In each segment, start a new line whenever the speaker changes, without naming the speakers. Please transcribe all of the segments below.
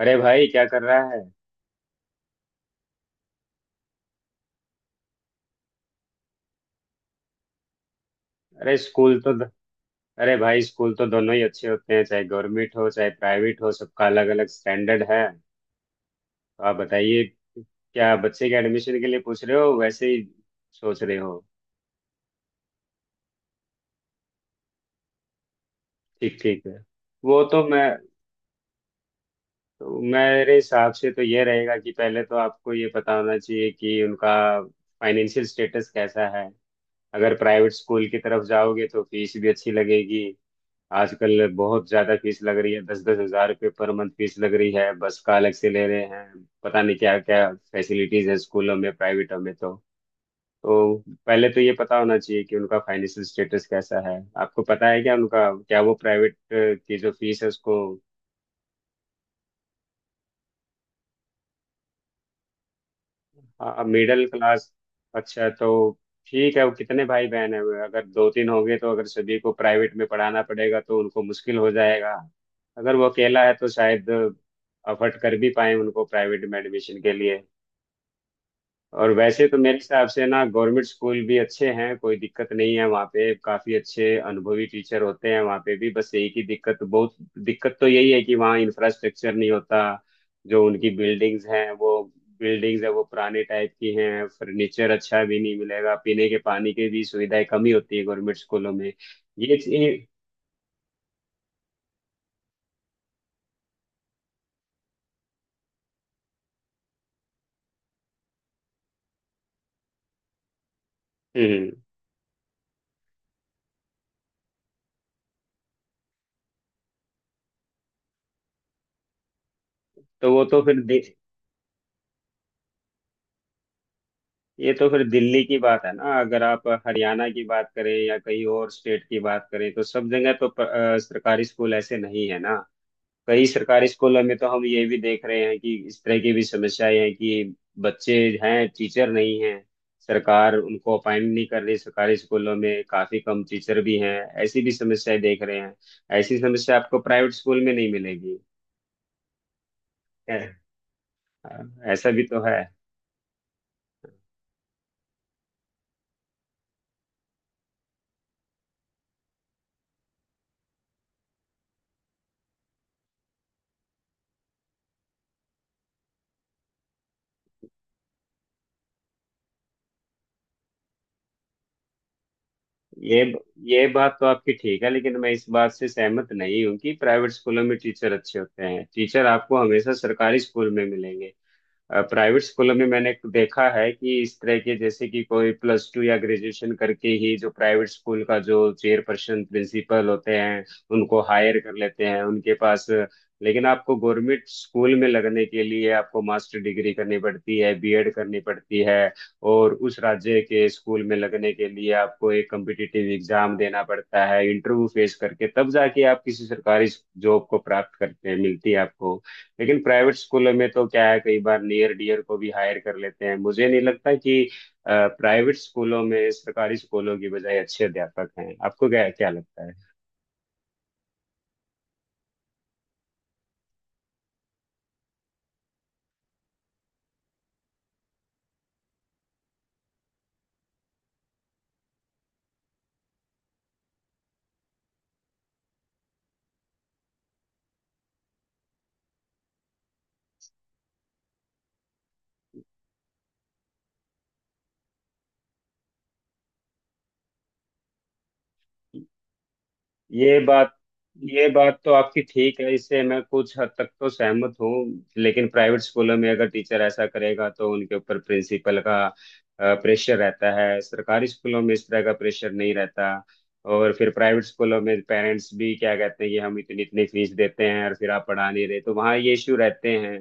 अरे भाई क्या कर रहा है। अरे स्कूल तो। अरे भाई स्कूल तो दोनों ही अच्छे होते हैं, चाहे गवर्नमेंट हो चाहे प्राइवेट हो, सबका अलग अलग स्टैंडर्ड है। तो आप बताइए, क्या बच्चे के एडमिशन के लिए पूछ रहे हो, वैसे ही सोच रहे हो? ठीक ठीक है। वो तो मैं, तो मेरे हिसाब से तो ये रहेगा कि पहले तो आपको ये पता होना चाहिए कि उनका फाइनेंशियल स्टेटस कैसा है। अगर प्राइवेट स्कूल की तरफ जाओगे तो फीस भी अच्छी लगेगी। आजकल बहुत ज्यादा फीस लग रही है, 10-10 हज़ार रुपये पर मंथ फीस लग रही है, बस का अलग से ले रहे हैं, पता नहीं क्या क्या फैसिलिटीज है स्कूलों में प्राइवेटों में। तो पहले तो ये पता होना चाहिए कि उनका फाइनेंशियल स्टेटस कैसा है। आपको पता है क्या उनका, क्या वो प्राइवेट की जो फीस है उसको? हाँ, मिडिल क्लास। अच्छा तो ठीक है, वो कितने भाई बहन है? अगर 2-3 होंगे तो अगर सभी को प्राइवेट में पढ़ाना पड़ेगा तो उनको मुश्किल हो जाएगा। अगर वो अकेला है तो शायद अफर्ट कर भी पाए उनको प्राइवेट में एडमिशन के लिए। और वैसे तो मेरे हिसाब से ना गवर्नमेंट स्कूल भी अच्छे हैं, कोई दिक्कत नहीं है, वहाँ पे काफी अच्छे अनुभवी टीचर होते हैं वहाँ पे भी। बस एक ही दिक्कत, बहुत दिक्कत तो यही है कि वहाँ इंफ्रास्ट्रक्चर नहीं होता। जो उनकी बिल्डिंग्स हैं वो बिल्डिंग्स है वो पुराने टाइप की हैं, फर्नीचर अच्छा भी नहीं मिलेगा, पीने के पानी की भी सुविधाएं कमी होती है गवर्नमेंट स्कूलों में। ये चीज- हम्म। तो वो तो फिर दे- ये तो फिर दिल्ली की बात है ना, अगर आप हरियाणा की बात करें या कहीं और स्टेट की बात करें तो सब जगह तो सरकारी स्कूल ऐसे नहीं है ना। कई सरकारी स्कूलों में तो हम ये भी देख रहे हैं कि इस तरह की भी समस्याएं हैं कि बच्चे हैं, टीचर नहीं हैं। सरकार उनको अपॉइंट नहीं कर रही, सरकारी स्कूलों में काफी कम टीचर भी हैं। ऐसी भी समस्याएं देख रहे हैं। ऐसी समस्या आपको प्राइवेट स्कूल में नहीं मिलेगी है, ऐसा भी तो है। ये ये बात तो आपकी ठीक है, लेकिन मैं इस बात से सहमत नहीं हूँ कि प्राइवेट स्कूलों में टीचर अच्छे होते हैं। टीचर आपको हमेशा सरकारी स्कूल में मिलेंगे। प्राइवेट स्कूलों में मैंने देखा है कि इस तरह के जैसे कि कोई प्लस टू या ग्रेजुएशन करके ही जो प्राइवेट स्कूल का जो चेयरपर्सन प्रिंसिपल होते हैं, उनको हायर कर लेते हैं उनके पास। लेकिन आपको गवर्नमेंट स्कूल में लगने के लिए आपको मास्टर डिग्री करनी पड़ती है, बीएड करनी पड़ती है। और उस राज्य के स्कूल में लगने के लिए आपको एक कम्पिटिटिव एग्जाम देना पड़ता है, इंटरव्यू फेस करके तब जाके आप किसी सरकारी जॉब को प्राप्त करते हैं, मिलती है आपको। लेकिन प्राइवेट स्कूलों में तो क्या है, कई बार नियर डियर को भी हायर कर लेते हैं। मुझे नहीं लगता कि प्राइवेट स्कूलों में सरकारी स्कूलों की बजाय अच्छे अध्यापक हैं। आपको क्या क्या लगता है? ये बात ये बात तो आपकी ठीक है, इससे मैं कुछ हद तक तो सहमत हूँ। लेकिन प्राइवेट स्कूलों में अगर टीचर ऐसा करेगा तो उनके ऊपर प्रिंसिपल का प्रेशर रहता है, सरकारी स्कूलों में इस तरह का प्रेशर नहीं रहता। और फिर प्राइवेट स्कूलों में पेरेंट्स भी क्या कहते हैं कि हम इतनी इतनी फीस देते हैं और फिर आप पढ़ा नहीं रहे, तो वहाँ ये इश्यू रहते हैं।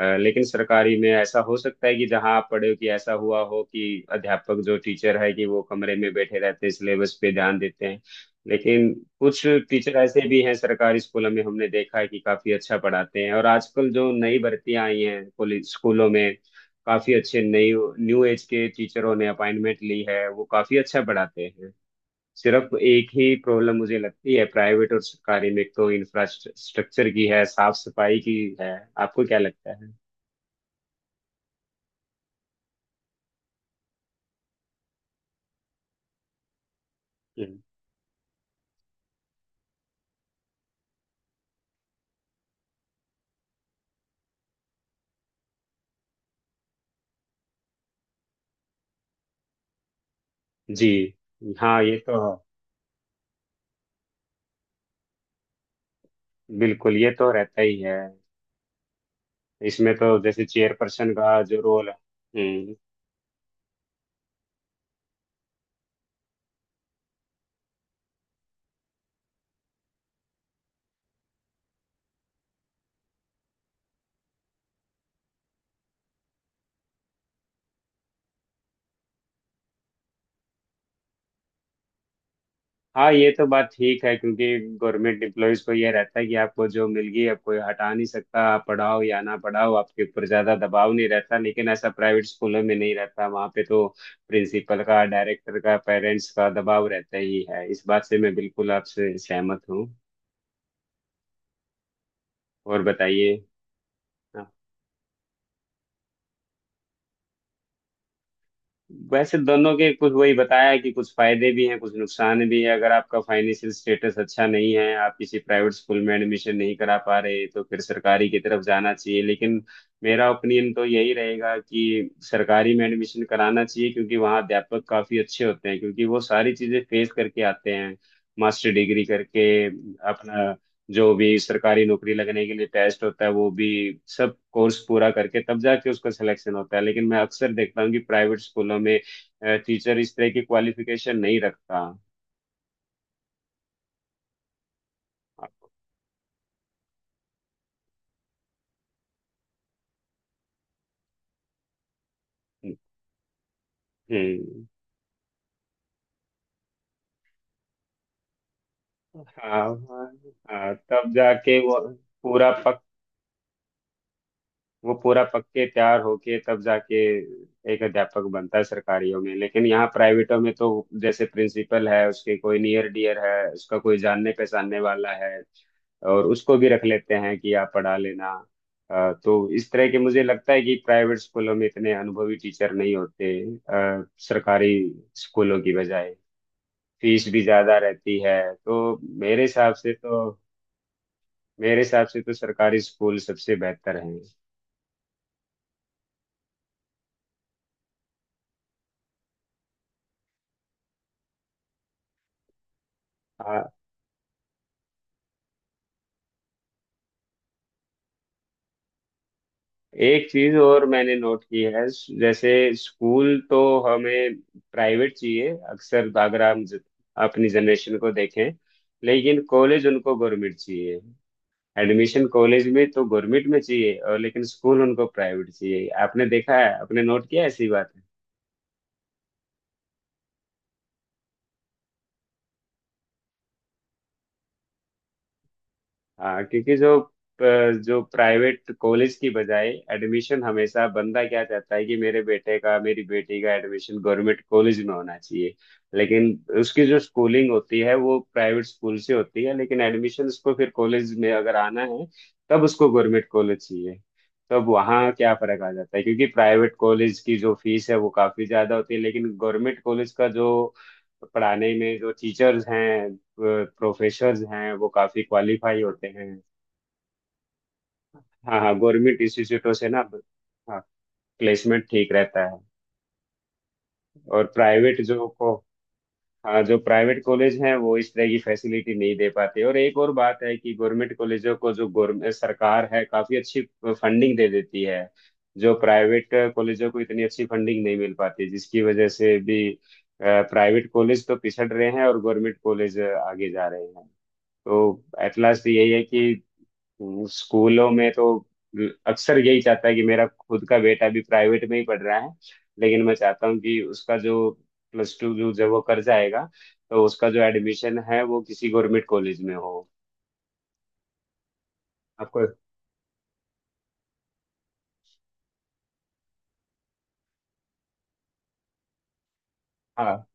लेकिन सरकारी में ऐसा हो सकता है कि जहाँ आप पढ़े हो कि ऐसा हुआ हो कि अध्यापक जो टीचर है कि वो कमरे में बैठे रहते हैं, सिलेबस पे ध्यान देते हैं। लेकिन कुछ टीचर ऐसे भी हैं सरकारी स्कूलों में, हमने देखा है कि काफी अच्छा पढ़ाते हैं। और आजकल जो नई भर्तियां आई हैं स्कूलों में, काफी अच्छे नई न्यू एज के टीचरों ने अपॉइंटमेंट ली है, वो काफी अच्छा पढ़ाते हैं। सिर्फ एक ही प्रॉब्लम मुझे लगती है प्राइवेट और सरकारी में, एक तो इंफ्रास्ट्रक्चर की है, साफ सफाई की है। आपको क्या लगता है? हम्म। जी। हाँ, ये तो बिल्कुल, ये तो रहता ही है। इसमें तो जैसे चेयर पर्सन का जो रोल है। हम्म, हाँ, ये तो बात ठीक है क्योंकि गवर्नमेंट एम्प्लॉयज को ये रहता है कि आपको जो मिल गई, अब कोई हटा नहीं सकता, आप पढ़ाओ या ना पढ़ाओ आपके ऊपर ज्यादा दबाव नहीं रहता। लेकिन ऐसा प्राइवेट स्कूलों में नहीं रहता, वहाँ पे तो प्रिंसिपल का, डायरेक्टर का, पेरेंट्स का दबाव रहता ही है। इस बात से मैं बिल्कुल आपसे सहमत हूँ। और बताइए। हाँ। वैसे दोनों के कुछ, वही बताया कि कुछ फायदे भी हैं कुछ नुकसान भी है। अगर आपका फाइनेंशियल स्टेटस अच्छा नहीं है, आप किसी प्राइवेट स्कूल में एडमिशन नहीं करा पा रहे तो फिर सरकारी की तरफ जाना चाहिए। लेकिन मेरा ओपिनियन तो यही रहेगा कि सरकारी में एडमिशन कराना चाहिए, क्योंकि वहाँ अध्यापक काफी अच्छे होते हैं क्योंकि वो सारी चीजें फेस करके आते हैं। मास्टर डिग्री करके अपना जो भी सरकारी नौकरी लगने के लिए टेस्ट होता है, वो भी सब कोर्स पूरा करके तब जाके उसका सिलेक्शन होता है। लेकिन मैं अक्सर देखता हूँ कि प्राइवेट स्कूलों में टीचर इस तरह की क्वालिफिकेशन नहीं रखता। हम्म। हाँ। हाँ। हाँ, तब जाके पूरा वो पूरा पक्के तैयार होके तब जाके एक अध्यापक बनता है सरकारियों में। लेकिन यहाँ प्राइवेटों में तो जैसे प्रिंसिपल है, उसके कोई नियर डियर है, उसका कोई जानने पहचानने वाला है और उसको भी रख लेते हैं कि आप पढ़ा लेना। तो इस तरह के मुझे लगता है कि प्राइवेट स्कूलों में इतने अनुभवी टीचर नहीं होते सरकारी स्कूलों की बजाय। फीस भी ज्यादा रहती है। तो मेरे हिसाब से तो मेरे हिसाब से तो सरकारी स्कूल सबसे बेहतर हैं। एक चीज और मैंने नोट की है, जैसे स्कूल तो हमें प्राइवेट चाहिए अक्सर, अगर हम अपनी जनरेशन को देखें। लेकिन कॉलेज उनको गवर्नमेंट चाहिए। एडमिशन कॉलेज में तो गवर्नमेंट में चाहिए, और लेकिन स्कूल उनको प्राइवेट चाहिए। आपने देखा है, आपने नोट किया है ऐसी बात? हाँ, क्योंकि जो जो प्राइवेट कॉलेज की बजाय एडमिशन, हमेशा बंदा क्या चाहता है कि मेरे बेटे का, मेरी बेटी का एडमिशन गवर्नमेंट कॉलेज में होना चाहिए। लेकिन उसकी जो स्कूलिंग होती है वो प्राइवेट स्कूल से होती है। लेकिन एडमिशन उसको फिर कॉलेज में अगर आना है तब उसको गवर्नमेंट कॉलेज चाहिए। तब वहाँ क्या फर्क आ जाता है, क्योंकि प्राइवेट कॉलेज की जो फीस है वो काफी ज्यादा होती है। लेकिन गवर्नमेंट कॉलेज का जो पढ़ाने में जो टीचर्स हैं, प्रोफेसर्स हैं, वो काफी क्वालिफाई होते हैं। हाँ हाँ, गवर्नमेंट इंस्टीट्यूटों से ना। हाँ, प्लेसमेंट ठीक रहता है। और प्राइवेट जो को, हाँ जो प्राइवेट कॉलेज हैं वो इस तरह की फैसिलिटी नहीं दे पाते। और एक और बात है कि गवर्नमेंट कॉलेजों को जो गवर्नमेंट सरकार है, काफी अच्छी फंडिंग दे देती है। जो प्राइवेट कॉलेजों को इतनी अच्छी फंडिंग नहीं मिल पाती, जिसकी वजह से भी प्राइवेट कॉलेज तो पिछड़ रहे हैं और गवर्नमेंट कॉलेज आगे जा रहे हैं। तो एट लास्ट यही है कि स्कूलों में तो अक्सर यही चाहता है कि मेरा खुद का बेटा भी प्राइवेट में ही पढ़ रहा है, लेकिन मैं चाहता हूँ कि उसका जो प्लस टू जो जब वो कर जाएगा, तो उसका जो एडमिशन है वो किसी गवर्नमेंट कॉलेज में हो। आपको, हाँ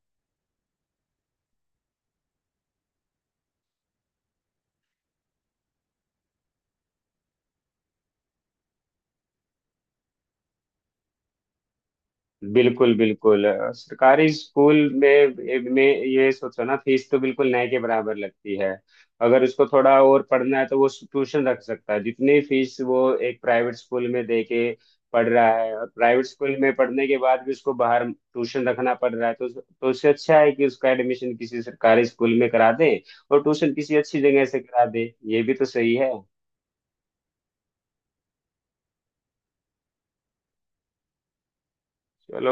बिल्कुल बिल्कुल। सरकारी स्कूल में में, ये सोचो ना, फीस तो बिल्कुल नए के बराबर लगती है। अगर उसको थोड़ा और पढ़ना है तो वो ट्यूशन रख सकता है, जितनी फीस वो एक प्राइवेट स्कूल में दे के पढ़ रहा है और प्राइवेट स्कूल में पढ़ने के बाद भी उसको बाहर ट्यूशन रखना पड़ रहा है, तो उससे अच्छा है कि उसका एडमिशन किसी सरकारी स्कूल में करा दे और ट्यूशन किसी अच्छी जगह से करा दे। ये भी तो सही है। चलो।